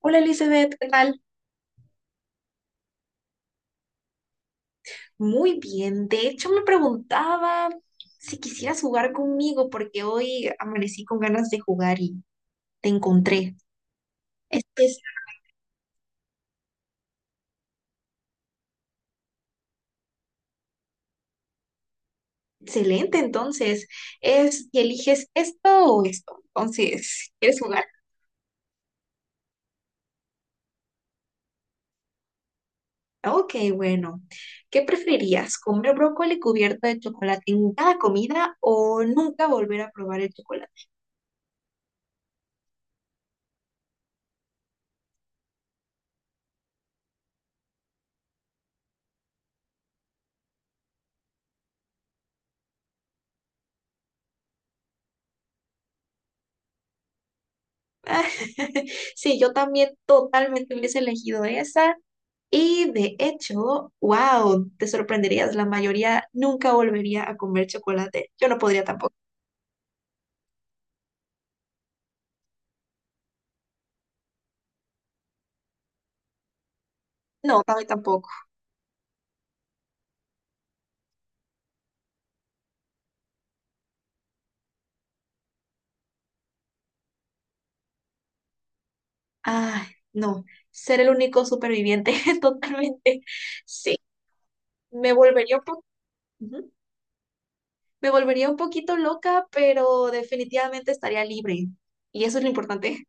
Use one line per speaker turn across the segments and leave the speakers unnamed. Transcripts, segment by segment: Hola Elizabeth, ¿qué tal? Muy bien, de hecho me preguntaba si quisieras jugar conmigo porque hoy amanecí con ganas de jugar y te encontré. Esto es excelente, entonces, es que eliges esto o esto. Entonces, ¿quieres jugar? Ok, bueno, ¿qué preferirías? ¿Comer brócoli cubierto de chocolate en cada comida o nunca volver a probar el chocolate? Sí, yo también totalmente hubiese elegido esa. Y de hecho, wow, te sorprenderías, la mayoría nunca volvería a comer chocolate. Yo no podría tampoco. No, también tampoco. Ay, no, ser el único superviviente, totalmente. Sí, me volvería ujú. Me volvería un poquito loca, pero definitivamente estaría libre. Y eso es lo importante.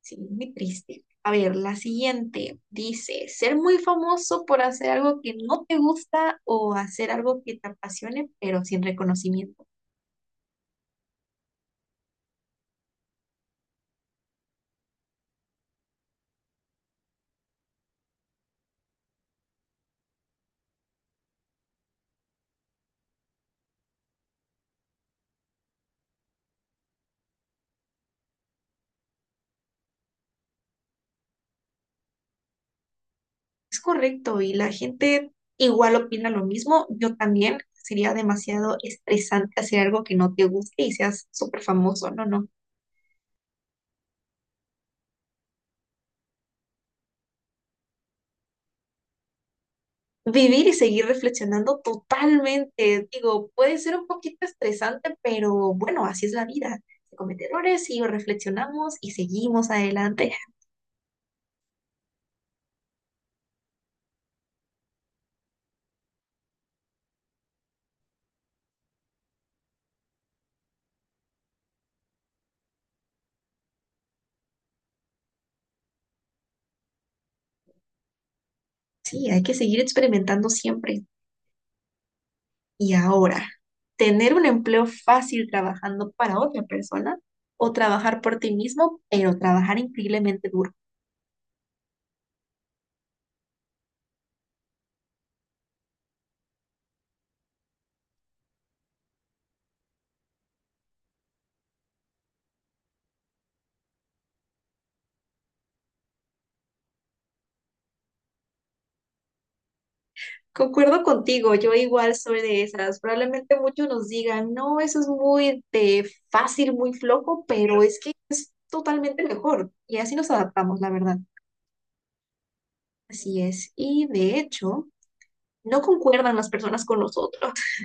Sí, muy triste. A ver, la siguiente dice, ser muy famoso por hacer algo que no te gusta o hacer algo que te apasione, pero sin reconocimiento. Es correcto, y la gente igual opina lo mismo. Yo también sería demasiado estresante hacer algo que no te guste y seas súper famoso. No, no. Vivir y seguir reflexionando totalmente. Digo, puede ser un poquito estresante, pero bueno, así es la vida. Se comete errores y reflexionamos y seguimos adelante. Sí, hay que seguir experimentando siempre. Y ahora, ¿tener un empleo fácil trabajando para otra persona o trabajar por ti mismo, pero trabajar increíblemente duro? Concuerdo contigo, yo igual soy de esas. Probablemente muchos nos digan, no, eso es muy de fácil, muy flojo, pero es que totalmente mejor. Y así nos adaptamos, la verdad. Así es. Y de hecho, no concuerdan las personas con nosotros.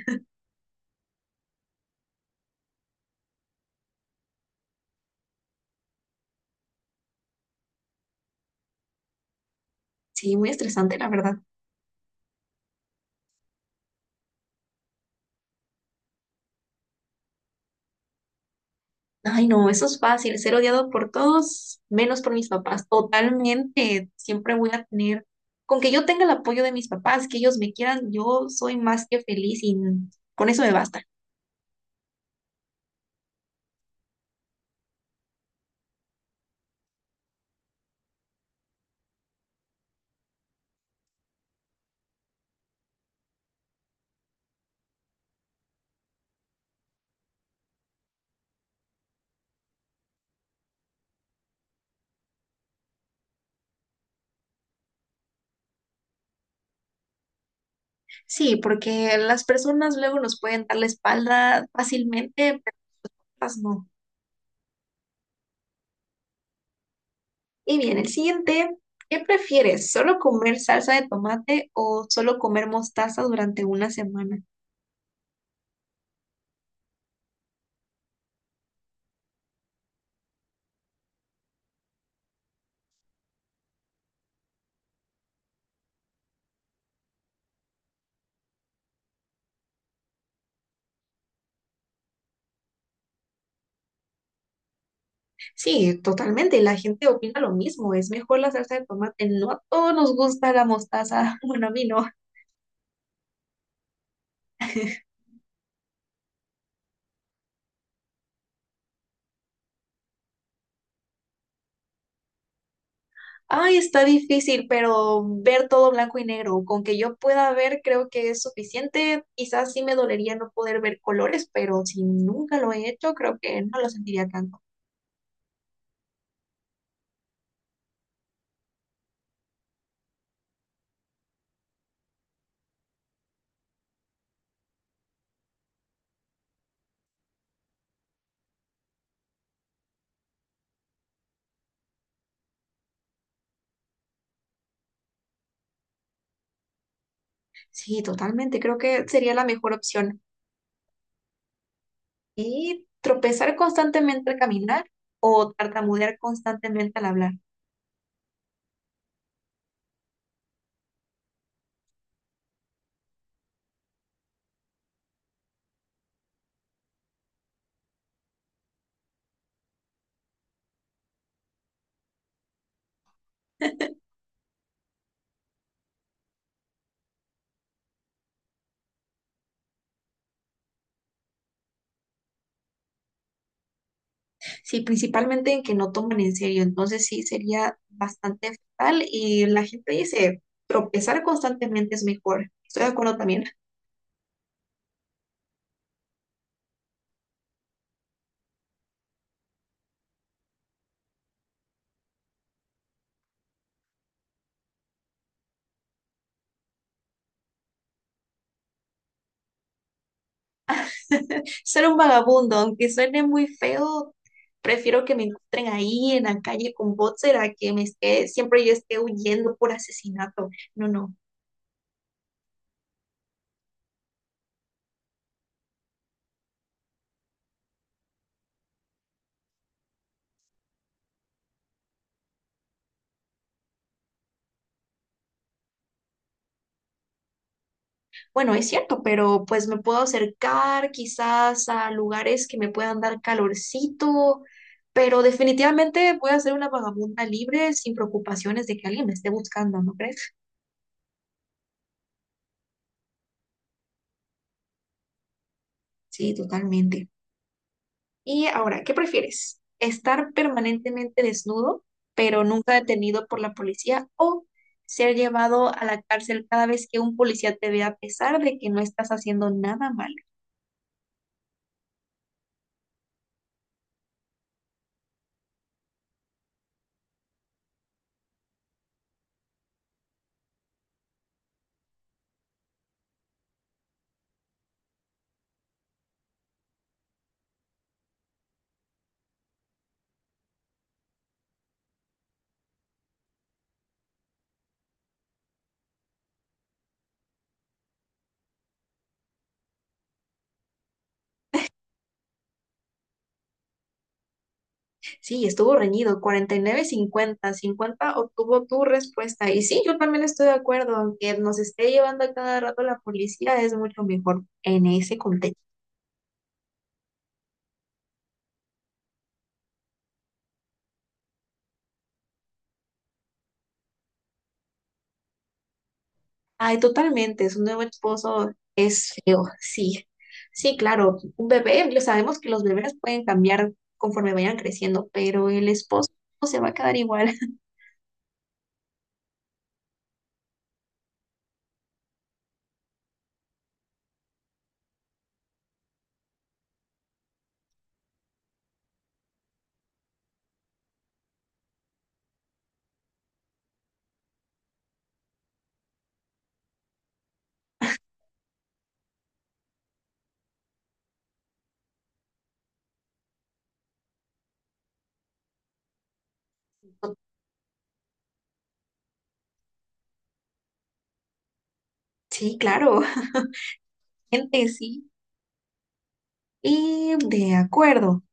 Sí, muy estresante, la verdad. Ay, no, eso es fácil, ser odiado por todos, menos por mis papás, totalmente. Siempre voy a tener, con que yo tenga el apoyo de mis papás, que ellos me quieran, yo soy más que feliz y con eso me basta. Sí, porque las personas luego nos pueden dar la espalda fácilmente, pero las no. Y bien, el siguiente, ¿qué prefieres? ¿Solo comer salsa de tomate o solo comer mostaza durante una semana? Sí, totalmente. La gente opina lo mismo. Es mejor la salsa de tomate. No a todos nos gusta la mostaza. Bueno, a mí no. Ay, está difícil, pero ver todo blanco y negro. Con que yo pueda ver, creo que es suficiente. Quizás sí me dolería no poder ver colores, pero si nunca lo he hecho, creo que no lo sentiría tanto. Sí, totalmente. Creo que sería la mejor opción. Y tropezar constantemente al caminar o tartamudear constantemente al hablar. Sí, principalmente en que no toman en serio, entonces sí sería bastante fatal y la gente dice, tropezar constantemente es mejor. Estoy de acuerdo también. Ser un vagabundo, aunque suene muy feo, prefiero que me encuentren ahí en la calle con boxer a que me esté, siempre yo esté huyendo por asesinato. No, no. Bueno, es cierto, pero pues me puedo acercar quizás a lugares que me puedan dar calorcito, pero definitivamente voy a ser una vagabunda libre sin preocupaciones de que alguien me esté buscando, ¿no crees? Sí, totalmente. Y ahora, ¿qué prefieres? ¿Estar permanentemente desnudo, pero nunca detenido por la policía, o ser llevado a la cárcel cada vez que un policía te vea a pesar de que no estás haciendo nada malo? Sí, estuvo reñido, 49, 50, 50 obtuvo tu respuesta. Y sí, yo también estoy de acuerdo, aunque nos esté llevando a cada rato la policía, es mucho mejor en ese contexto. Ay, totalmente, su nuevo esposo es feo, sí. Sí, claro, un bebé, lo sabemos que los bebés pueden cambiar conforme vayan creciendo, pero el esposo se va a quedar igual. Sí, claro, gente, sí. Y de acuerdo.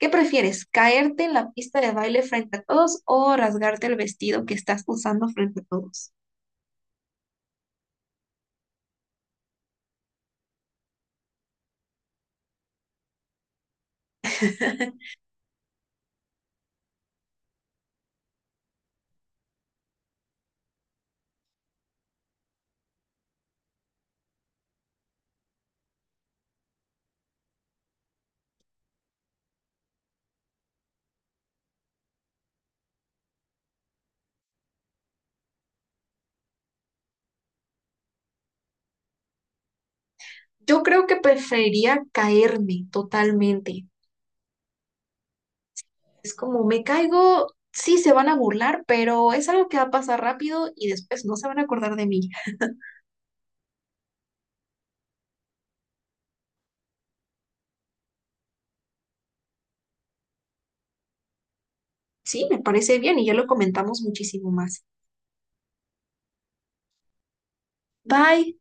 ¿Qué prefieres? ¿Caerte en la pista de baile frente a todos o rasgarte el vestido que estás usando frente a todos? Yo creo que preferiría caerme totalmente. Es como me caigo, sí se van a burlar, pero es algo que va a pasar rápido y después no se van a acordar de mí. Sí, me parece bien y ya lo comentamos muchísimo más. Bye.